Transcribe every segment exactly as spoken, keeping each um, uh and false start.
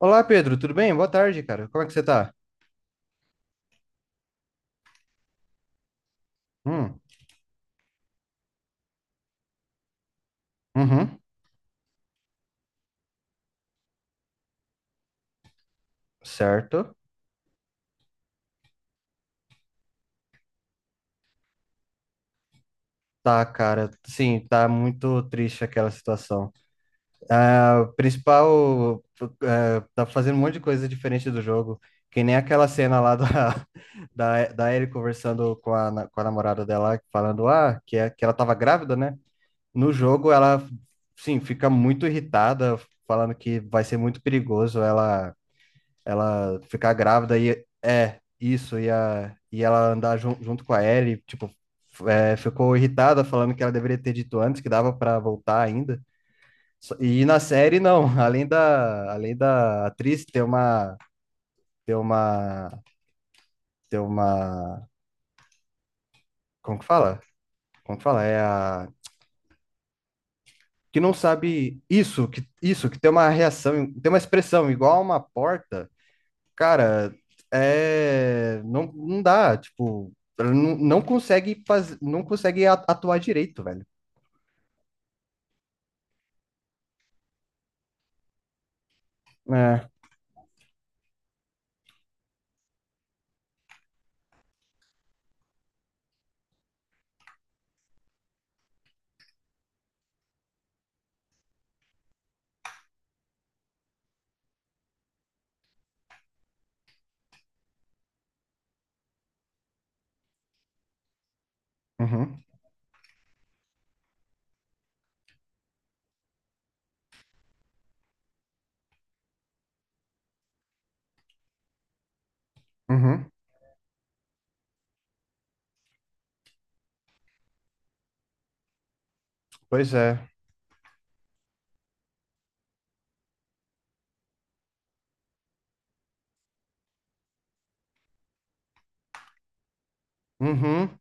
Olá, Pedro, tudo bem? Boa tarde, cara. Como é que você tá? Hum. Uhum. Certo. Tá, cara, sim, tá muito triste aquela situação. Ah, o principal, é, tá fazendo um monte de coisa diferente do jogo, que nem aquela cena lá da, da, da Ellie conversando com a, na- com a namorada dela, falando, ah, que, é, que ela tava grávida, né? No jogo, ela, sim, fica muito irritada, falando que vai ser muito perigoso ela ela ficar grávida e é isso e a e ela andar jun- junto com a Ellie, tipo, f- é, ficou irritada falando que ela deveria ter dito antes que dava para voltar ainda. Só- E na série não, além da além da atriz ter uma ter uma ter uma como que fala? Como que fala? É a que não sabe isso, que isso que tem uma reação, tem uma expressão igual a uma porta. Cara, é, não, não dá, tipo, ela não, não consegue fazer, não consegue a- atuar direito, velho. É. Uhum. Uhum. Pois é. Uhum.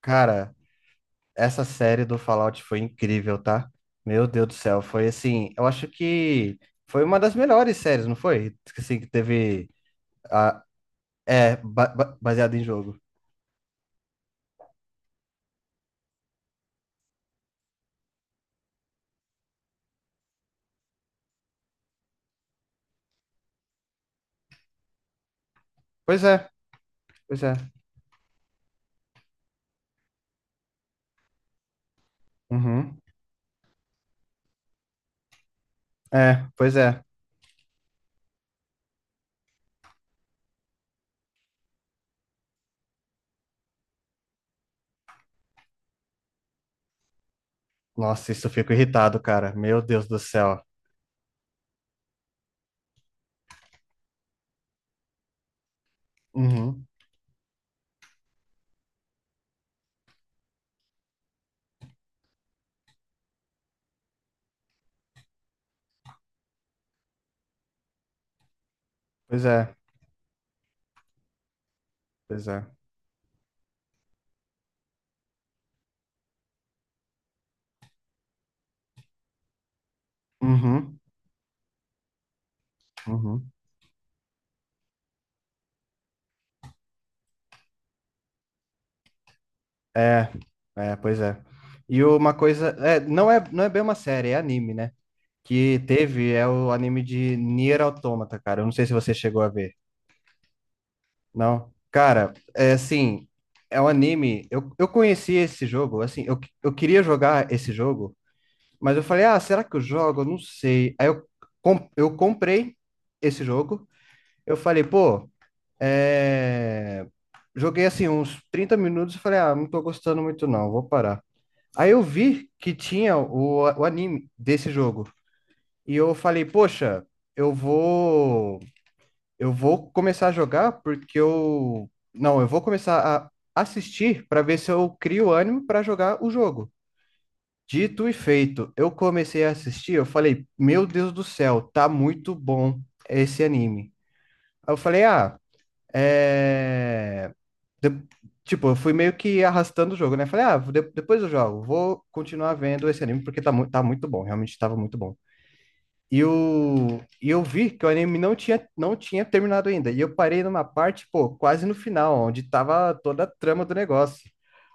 Cara, essa série do Fallout foi incrível, tá? Meu Deus do céu, foi assim, eu acho que foi uma das melhores séries, não foi? Assim, que teve, a, é, ba- ba- baseado em jogo. Pois é. Pois é. Uhum. É. Pois é. Nossa, isso eu fico irritado, cara, meu Deus do céu. Uhum. Pois é. Pois é. Uhum. Uhum. É, é, pois é. E uma coisa, é, não é, não é bem uma série, é anime, né? Que teve é o anime de Nier Automata, cara. Eu não sei se você chegou a ver. Não? Cara, é assim, é um anime. Eu, eu conheci esse jogo, assim, eu, eu queria jogar esse jogo, mas eu falei, ah, será que eu jogo? Eu não sei. Aí eu, com- eu comprei esse jogo. Eu falei, pô. É, Joguei assim uns trinta minutos e falei, ah, não tô gostando muito não, vou parar. Aí eu vi que tinha o, o anime desse jogo. E eu falei, poxa, eu vou. Eu vou começar a jogar porque eu. Não, eu vou começar a assistir para ver se eu crio ânimo para jogar o jogo. Dito e feito, eu comecei a assistir, eu falei, meu Deus do céu, tá muito bom esse anime. Aí eu falei, ah, é. de- tipo, eu fui meio que arrastando o jogo, né? Falei, ah, de- depois eu jogo, vou continuar vendo esse anime porque tá, mu tá muito bom, realmente estava muito bom. E, o, e eu vi que o anime não tinha, não tinha terminado ainda. E eu parei numa parte, pô, quase no final, onde tava toda a trama do negócio.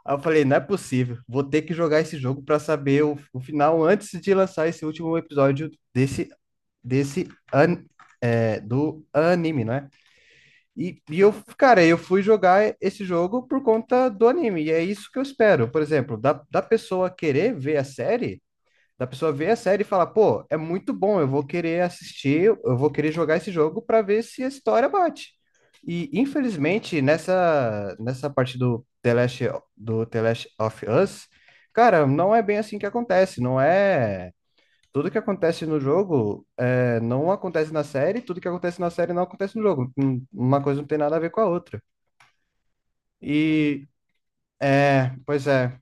Aí eu falei, não é possível, vou ter que jogar esse jogo para saber o, o final antes de lançar esse último episódio desse, desse an, é, do anime, não é? E, e eu, cara, eu fui jogar esse jogo por conta do anime, e é isso que eu espero. Por exemplo, da, da pessoa querer ver a série, da pessoa ver a série e falar, pô, é muito bom, eu vou querer assistir, eu vou querer jogar esse jogo para ver se a história bate. E infelizmente, nessa, nessa parte do The Last, do The Last of Us, cara, não é bem assim que acontece, não é tudo que acontece no jogo é, não acontece na série, tudo que acontece na série não acontece no jogo. Hum, Uma coisa não tem nada a ver com a outra. E é, pois é,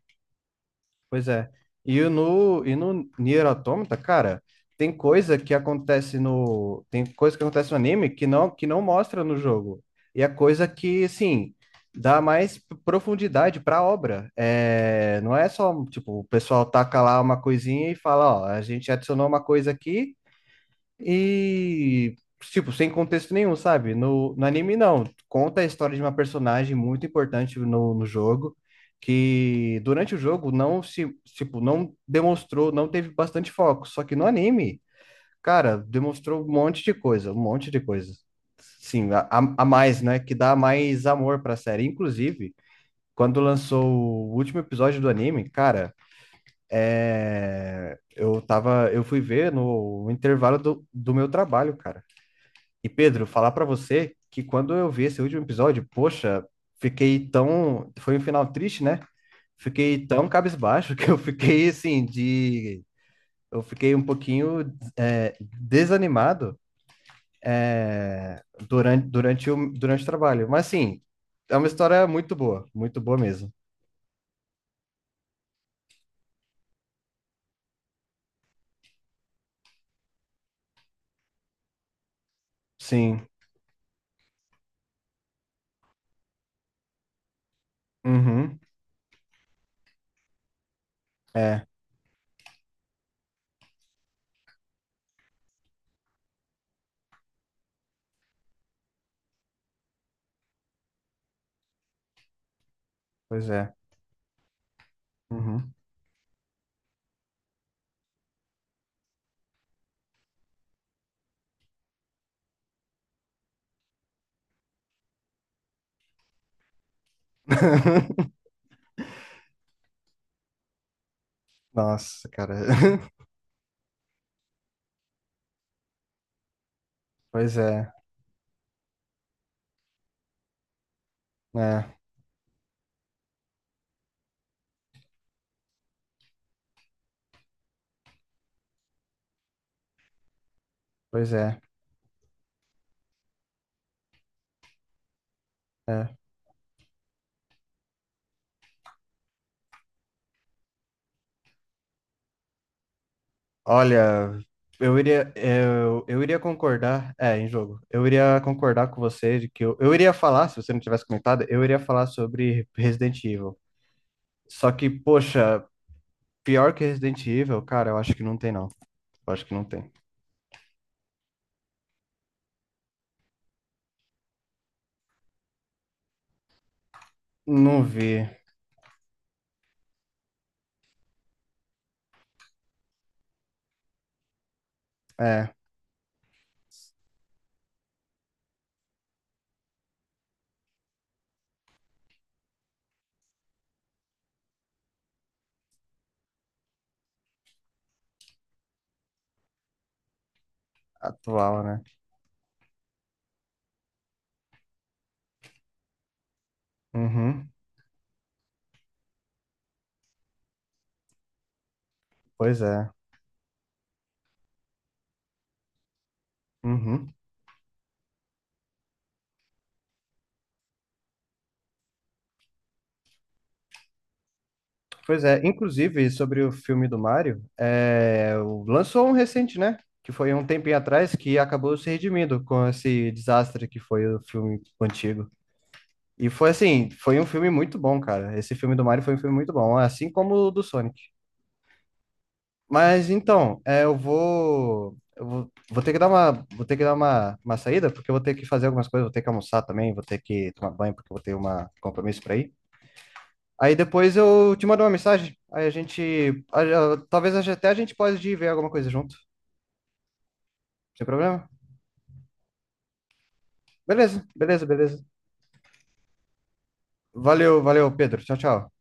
pois é. E o no, e no Nier Automata, cara, tem coisa que acontece no, tem coisa que acontece no anime que não, que não mostra no jogo. E é coisa que, assim, dá mais profundidade para a obra. É, não é só, tipo, o pessoal taca lá uma coisinha e fala, ó, a gente adicionou uma coisa aqui. E, tipo, sem contexto nenhum, sabe? No, no anime, não. Conta a história de uma personagem muito importante no, no jogo, que durante o jogo não se, tipo, não demonstrou, não teve bastante foco. Só que no anime, cara, demonstrou um monte de coisa, um monte de coisa. Sim, a, a a mais, né? Que dá mais amor pra série. Inclusive, quando lançou o último episódio do anime, cara, é... eu tava, eu fui ver no intervalo do, do meu trabalho, cara. E Pedro, falar pra você que quando eu vi esse último episódio, poxa, fiquei tão. Foi um final triste, né? Fiquei tão cabisbaixo que eu fiquei assim, de. Eu fiquei um pouquinho é, desanimado, é, durante, durante, o, durante o trabalho. Mas, assim, é uma história muito boa, muito boa mesmo. Sim. Uhum. É, pois é. Uhum. Nossa, cara. Pois é. É, pois é. É. Olha, eu iria, eu, eu iria concordar, é, em jogo, eu iria concordar com você de que eu, eu iria falar, se você não tivesse comentado, eu iria falar sobre Resident Evil. Só que, poxa, pior que Resident Evil, cara, eu acho que não tem, não. Eu acho que não tem. Não vi. É, atual, né? Uhum. Pois é. Uhum. Pois é, inclusive sobre o filme do Mario, é, o- lançou um recente, né? Que foi um tempinho atrás que acabou se redimindo com esse desastre que foi o filme antigo. E foi assim, foi um filme muito bom, cara. Esse filme do Mario foi um filme muito bom, assim como o do Sonic. Mas então, é, eu vou, eu vou, vou ter que dar uma, vou ter que dar uma, uma saída, porque eu vou ter que fazer algumas coisas, vou ter que almoçar também, vou ter que tomar banho, porque eu vou ter um compromisso para ir. Aí depois eu te mando uma mensagem. Aí a gente. a- a- talvez a- até a gente pode ir ver alguma coisa junto. Sem problema? Beleza, beleza, beleza. Valeu, valeu, Pedro. Tchau, tchau.